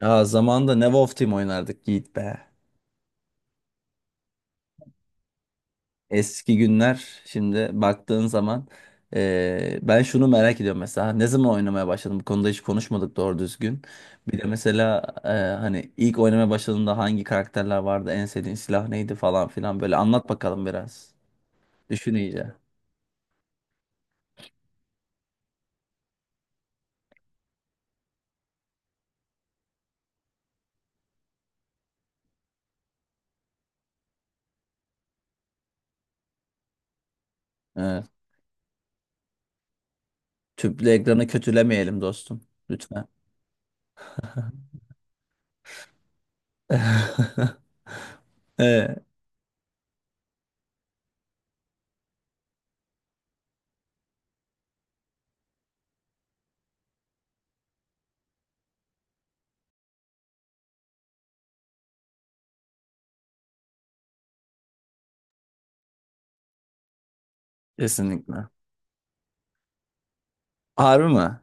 Ya zamanında ne Wolf Team oynardık Yiğit be. Eski günler şimdi baktığın zaman ben şunu merak ediyorum mesela ne zaman oynamaya başladım bu konuda hiç konuşmadık doğru düzgün. Bir de mesela hani ilk oynamaya başladığında hangi karakterler vardı en sevdiğin silah neydi falan filan böyle anlat bakalım biraz. Düşün iyice. Evet. Tüplü ekranı kötülemeyelim dostum lütfen. Evet, kesinlikle. Harbi mi?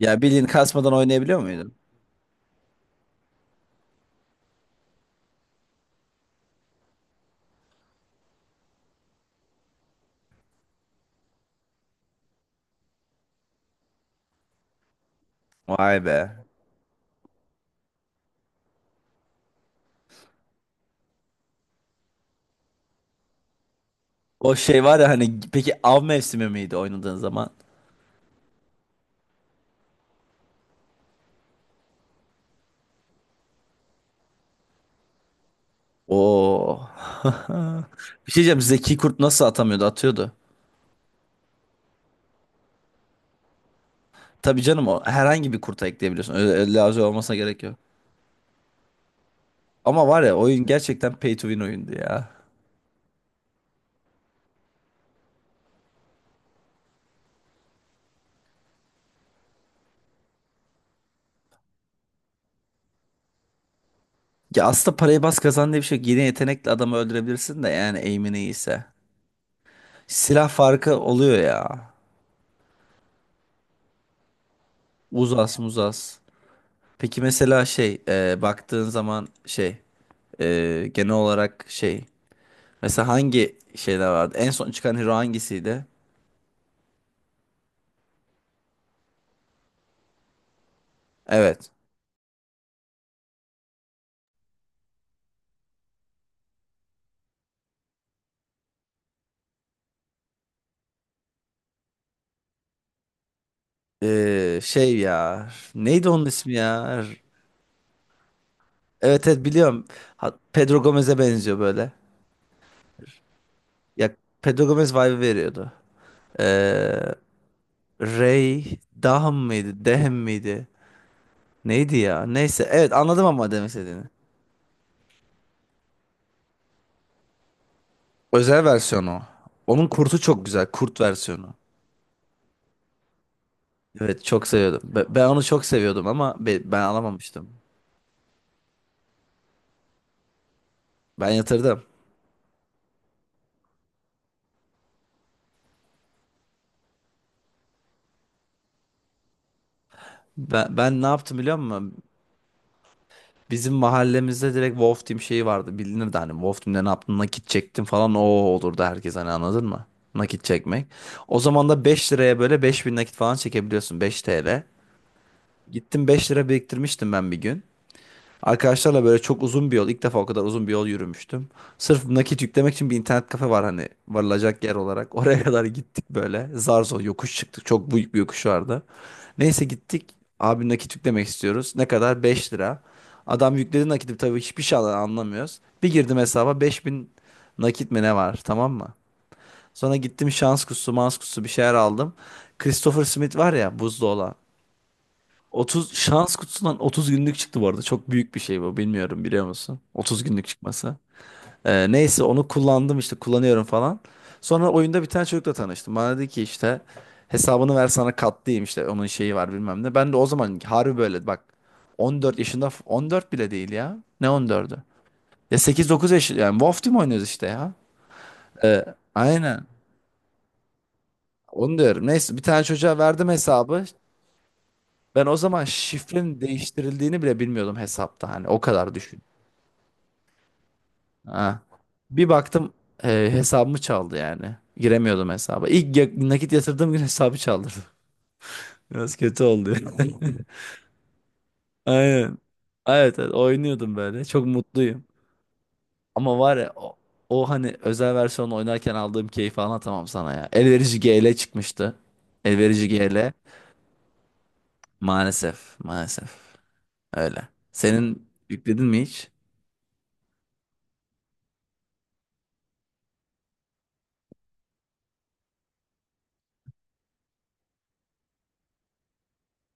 Ya bildiğin kasmadan oynayabiliyor muydun? Vay be. O şey var ya hani peki av mevsimi miydi oynadığın zaman? Oo. Bir şey diyeceğim Zeki Kurt nasıl atamıyordu atıyordu. Tabii canım o herhangi bir kurta ekleyebiliyorsun. Öyle, öyle lazım olmasına gerek yok. Ama var ya oyun gerçekten pay to win oyundu ya. Ya aslında parayı bas kazan diye bir şey yok. Yine yetenekle adamı öldürebilirsin de yani aim'in iyiyse. Silah farkı oluyor ya. Uzas muzas. Peki mesela şey baktığın zaman şey genel olarak şey. Mesela hangi şeyler vardı? En son çıkan hero hangisiydi? Evet. Şey ya. Neydi onun ismi ya? Evet evet biliyorum. Pedro Gomez'e benziyor böyle. Ya Pedro Gomez vibe veriyordu. Ee, Ray Dahm mıydı? Dehem miydi? Neydi ya? Neyse. Evet anladım ama demek istediğini. Özel versiyonu. Onun kurtu çok güzel. Kurt versiyonu. Evet çok seviyordum. Ben onu çok seviyordum ama ben alamamıştım. Ben yatırdım. Ben ne yaptım biliyor musun? Bizim mahallemizde direkt Wolf Team şeyi vardı. Bilinirdi hani Wolf Team'de ne yaptın nakit çektim falan o olurdu herkes hani anladın mı? Nakit çekmek. O zaman da 5 liraya böyle 5.000 nakit falan çekebiliyorsun 5 TL. Gittim 5 lira biriktirmiştim ben bir gün. Arkadaşlarla böyle çok uzun bir yol, ilk defa o kadar uzun bir yol yürümüştüm. Sırf nakit yüklemek için bir internet kafe var hani varılacak yer olarak. Oraya kadar gittik böyle. Zar zor yokuş çıktık. Çok büyük bir yokuş vardı. Neyse gittik. Abi nakit yüklemek istiyoruz. Ne kadar? 5 lira. Adam yükledi nakiti tabii hiçbir şey anlamıyoruz. Bir girdim hesaba 5.000 nakit mi ne var tamam mı? Sonra gittim şans kutusu, mans kutusu bir şeyler aldım. Christopher Smith var ya buzlu olan. 30 şans kutusundan 30 günlük çıktı bu arada. Çok büyük bir şey bu. Bilmiyorum biliyor musun? 30 günlük çıkması. Neyse onu kullandım işte kullanıyorum falan. Sonra oyunda bir tane çocukla tanıştım. Bana dedi ki işte hesabını ver sana katlayayım işte onun şeyi var bilmem ne. Ben de o zaman harbi böyle bak 14 yaşında 14 bile değil ya. Ne 14'ü? Ya 8-9 yaş yani WoW Team oynuyoruz işte ya. Ee, aynen. Onu diyorum. Neyse bir tane çocuğa verdim hesabı. Ben o zaman şifrenin değiştirildiğini bile bilmiyordum hesapta. Hani o kadar düşün. Ha. Bir baktım hesabımı çaldı yani. Giremiyordum hesaba. İlk nakit yatırdığım gün hesabı çaldırdı. Biraz kötü oldu. Aynen. Evet, evet oynuyordum böyle. Çok mutluyum. Ama var ya o hani özel versiyonu oynarken aldığım keyfi anlatamam sana ya. Elverici GL çıkmıştı. Elverici GL. Maalesef. Maalesef. Öyle. Senin yükledin mi hiç?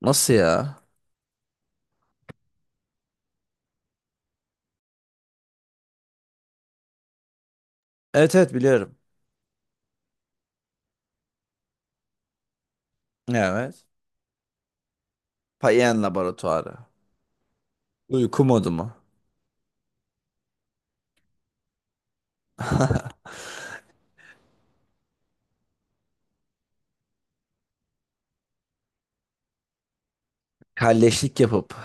Nasıl ya? Evet evet biliyorum. Evet. Payen Laboratuvarı. Uyku modu mu? Kalleşlik yapıp.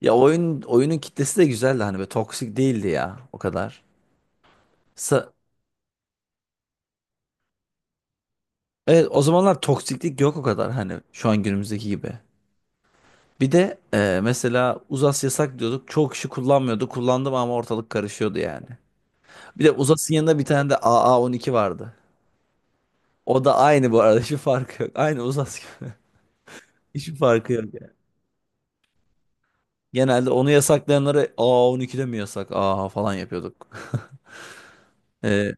Ya oyun oyunun kitlesi de güzeldi hani böyle toksik değildi ya o kadar. Sa- evet o zamanlar toksiklik yok o kadar hani şu an günümüzdeki gibi. Bir de mesela uzas yasak diyorduk. Çoğu kişi kullanmıyordu. Kullandım ama ortalık karışıyordu yani. Bir de uzasın yanında bir tane de AA12 vardı. O da aynı bu arada. Hiçbir farkı yok. Aynı uzas gibi. Hiçbir farkı yok yani. Genelde onu yasaklayanlara AA12 de mi yasak? Aa falan yapıyorduk. e,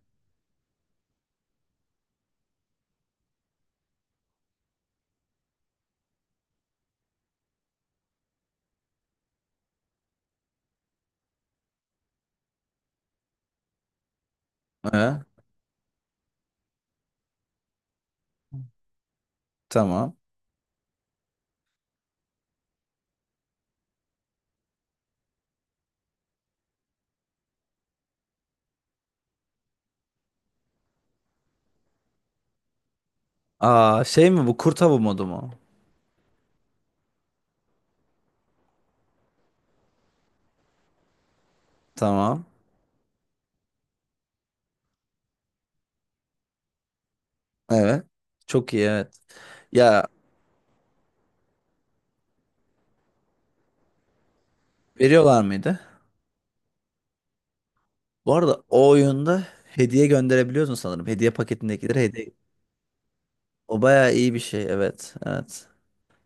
e, tamam. Aa şey mi bu kurt avı modu mu? Tamam. Evet. Çok iyi evet. Ya veriyorlar mıydı? Bu arada o oyunda hediye gönderebiliyorsun sanırım. Hediye paketindekileri hediye. O bayağı iyi bir şey evet. Evet.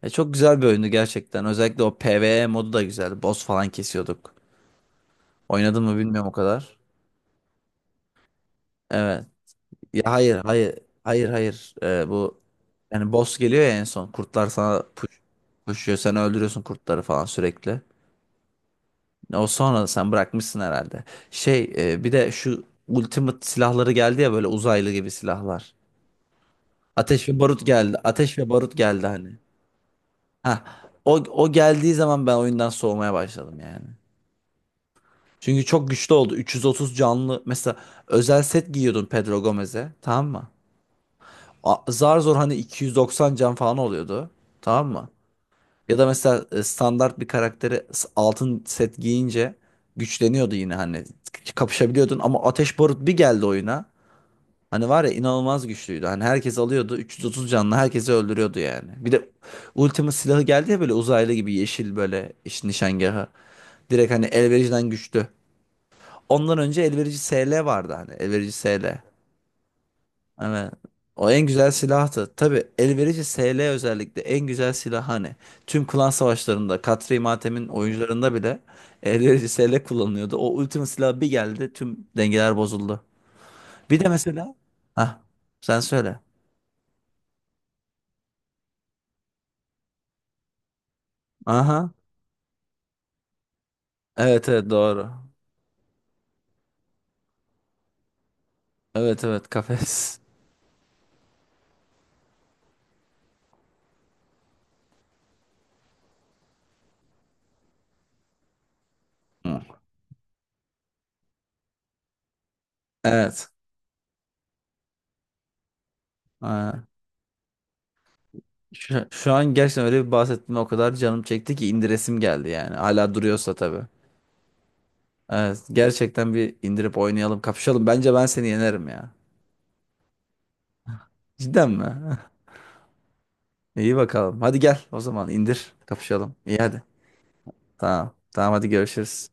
Çok güzel bir oyundu gerçekten. Özellikle o PvE modu da güzeldi. Boss falan kesiyorduk. Oynadın mı bilmiyorum o kadar. Evet. Ya hayır hayır. Hayır hayır. Bu yani boss geliyor ya en son. Kurtlar sana pushuyor. Sen öldürüyorsun kurtları falan sürekli. O sonra da sen bırakmışsın herhalde. Şey bir de şu Ultimate silahları geldi ya böyle uzaylı gibi silahlar. Ateş ve barut geldi. Ateş ve barut geldi hani. Ha o geldiği zaman ben oyundan soğumaya başladım yani. Çünkü çok güçlü oldu. 330 canlı mesela özel set giyiyordun Pedro Gomez'e tamam mı? Zar zor hani 290 can falan oluyordu. Tamam mı? Ya da mesela standart bir karakteri altın set giyince güçleniyordu yine hani kapışabiliyordun ama Ateş Barut bir geldi oyuna. Hani var ya inanılmaz güçlüydü. Hani herkes alıyordu 330 canlı herkesi öldürüyordu yani. Bir de Ultima silahı geldi ya böyle uzaylı gibi yeşil böyle işte nişangahı. Direkt hani elvericiden güçlü. Ondan önce elverici SL vardı hani elverici SL. Evet. O en güzel silahtı. Tabii elverişi SL özellikle en güzel silah hani. Tüm klan savaşlarında Katri Matem'in oyuncularında bile elverişi SL kullanılıyordu. O ultimate silah bir geldi tüm dengeler bozuldu. Bir de mesela. Hah, sen söyle. Aha. Evet evet doğru. Evet evet kafes. Hı. Evet. Ha. Şu an gerçekten öyle bir bahsettiğime o kadar canım çekti ki indiresim geldi yani. Hala duruyorsa tabii. Evet, gerçekten bir indirip oynayalım, kapışalım. Bence ben seni yenerim ya. Cidden mi? İyi bakalım. Hadi gel o zaman indir, kapışalım. İyi hadi. Tamam. Tamam hadi görüşürüz.